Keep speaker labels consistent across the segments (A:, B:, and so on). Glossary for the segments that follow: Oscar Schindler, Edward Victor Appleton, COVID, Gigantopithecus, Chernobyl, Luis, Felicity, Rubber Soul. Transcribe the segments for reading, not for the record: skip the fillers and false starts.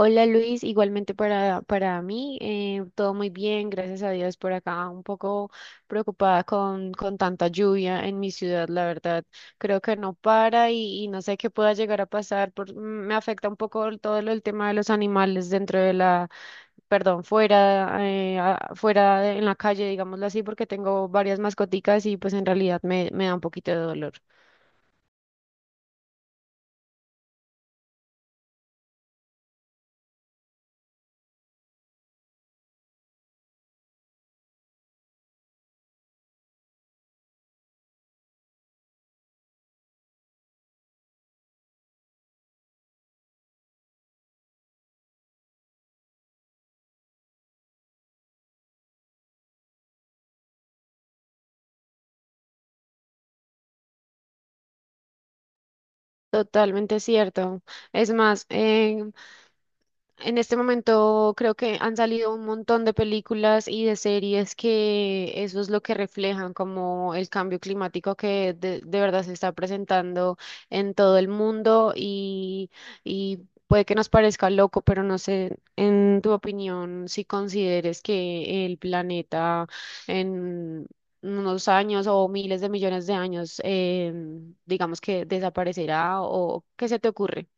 A: Hola Luis, igualmente para mí, todo muy bien, gracias a Dios. Por acá, un poco preocupada con tanta lluvia en mi ciudad, la verdad, creo que no para y no sé qué pueda llegar a pasar, por, me afecta un poco el tema de los animales dentro de la, perdón, fuera, a- fuera de- en la calle, digámoslo así, porque tengo varias mascoticas y pues en realidad me da un poquito de dolor. Totalmente cierto. Es más, en este momento creo que han salido un montón de películas y de series que eso es lo que reflejan, como el cambio climático que de verdad se está presentando en todo el mundo, y puede que nos parezca loco, pero no sé, en tu opinión, si consideres que el planeta en unos años o miles de millones de años, digamos, que desaparecerá o qué se te ocurre.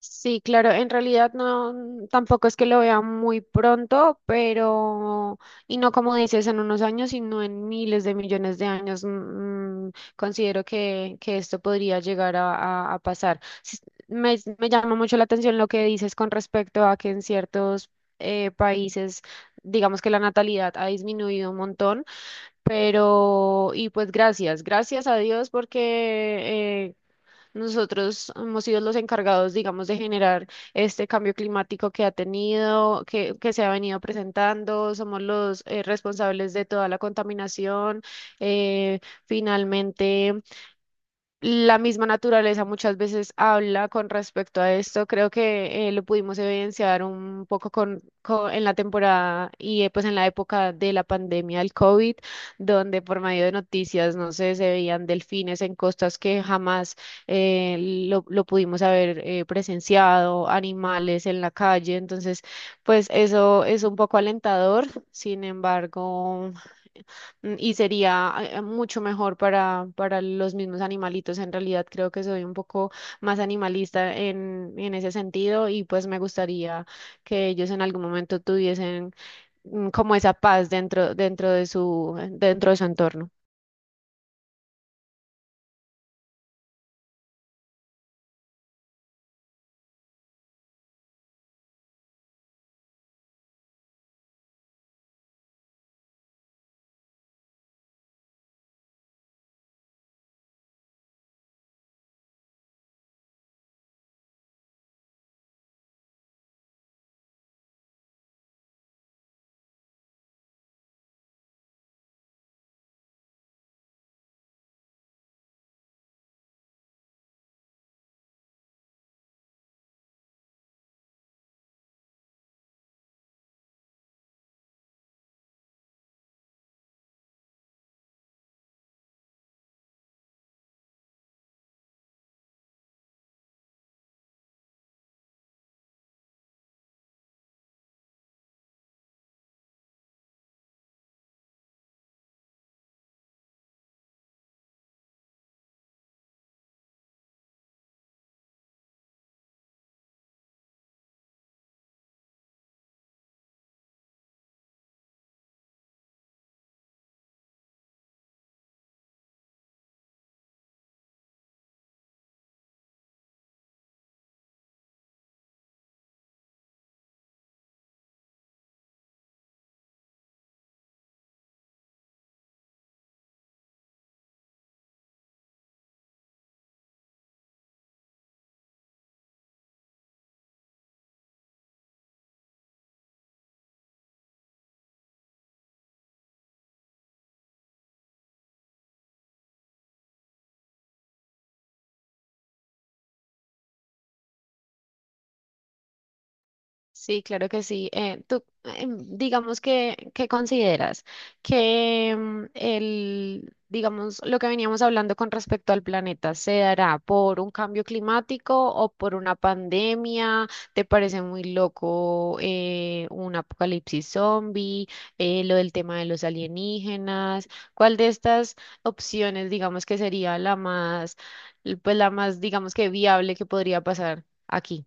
A: Sí, claro, en realidad no, tampoco es que lo vea muy pronto, pero, y no como dices, en unos años, sino en miles de millones de años, considero que esto podría llegar a, a pasar. Sí. Me llama mucho la atención lo que dices con respecto a que en ciertos países, digamos que la natalidad ha disminuido un montón, pero, y pues gracias a Dios, porque nosotros hemos sido los encargados, digamos, de generar este cambio climático que ha tenido, que se ha venido presentando. Somos los responsables de toda la contaminación. Eh, Finalmente, la misma naturaleza muchas veces habla con respecto a esto. Creo que lo pudimos evidenciar un poco en la temporada, y pues en la época de la pandemia del COVID, donde por medio de noticias, no sé, se veían delfines en costas que jamás lo pudimos haber presenciado, animales en la calle. Entonces, pues eso es un poco alentador. Sin embargo... Y sería mucho mejor para los mismos animalitos. En realidad creo que soy un poco más animalista en ese sentido, y pues me gustaría que ellos en algún momento tuviesen, como, esa paz dentro, dentro de su entorno. Sí, claro que sí. Tú, digamos que, ¿qué consideras? Que el, digamos, lo que veníamos hablando con respecto al planeta, ¿se dará por un cambio climático o por una pandemia? ¿Te parece muy loco un apocalipsis zombie? Lo del tema de los alienígenas. ¿Cuál de estas opciones, digamos, que sería la más, pues la más, digamos, que viable que podría pasar aquí?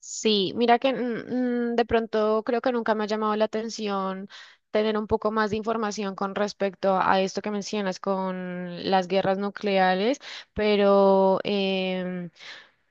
A: Sí, mira que de pronto creo que nunca me ha llamado la atención tener un poco más de información con respecto a esto que mencionas con las guerras nucleares, pero em,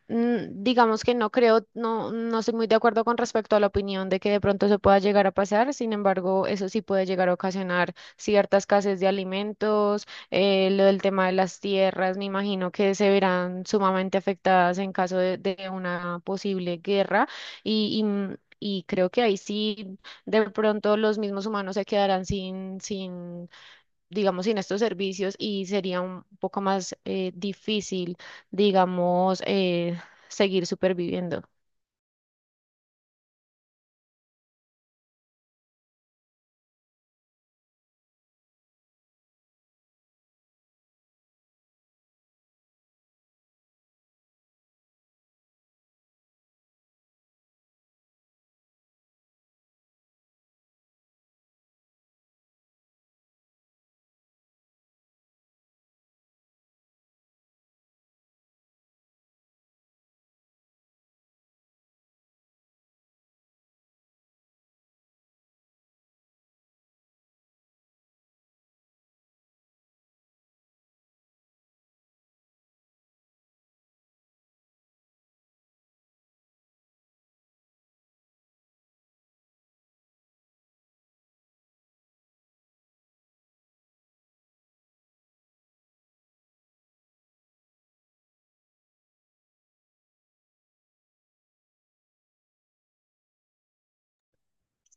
A: mm, digamos que no creo, no, no estoy muy de acuerdo con respecto a la opinión de que de pronto se pueda llegar a pasar. Sin embargo, eso sí puede llegar a ocasionar cierta escasez de alimentos, lo del tema de las tierras, me imagino que se verán sumamente afectadas en caso de una posible guerra, y creo que ahí sí de pronto los mismos humanos se quedarán sin, digamos, sin estos servicios, y sería un poco más difícil, digamos, seguir superviviendo.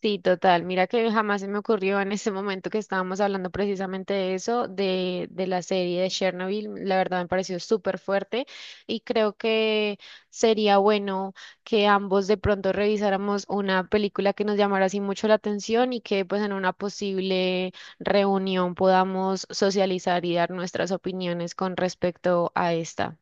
A: Sí, total. Mira que jamás se me ocurrió en ese momento que estábamos hablando precisamente de eso, de la serie de Chernobyl. La verdad me pareció súper fuerte, y creo que sería bueno que ambos de pronto revisáramos una película que nos llamara así mucho la atención, y que pues en una posible reunión podamos socializar y dar nuestras opiniones con respecto a esta.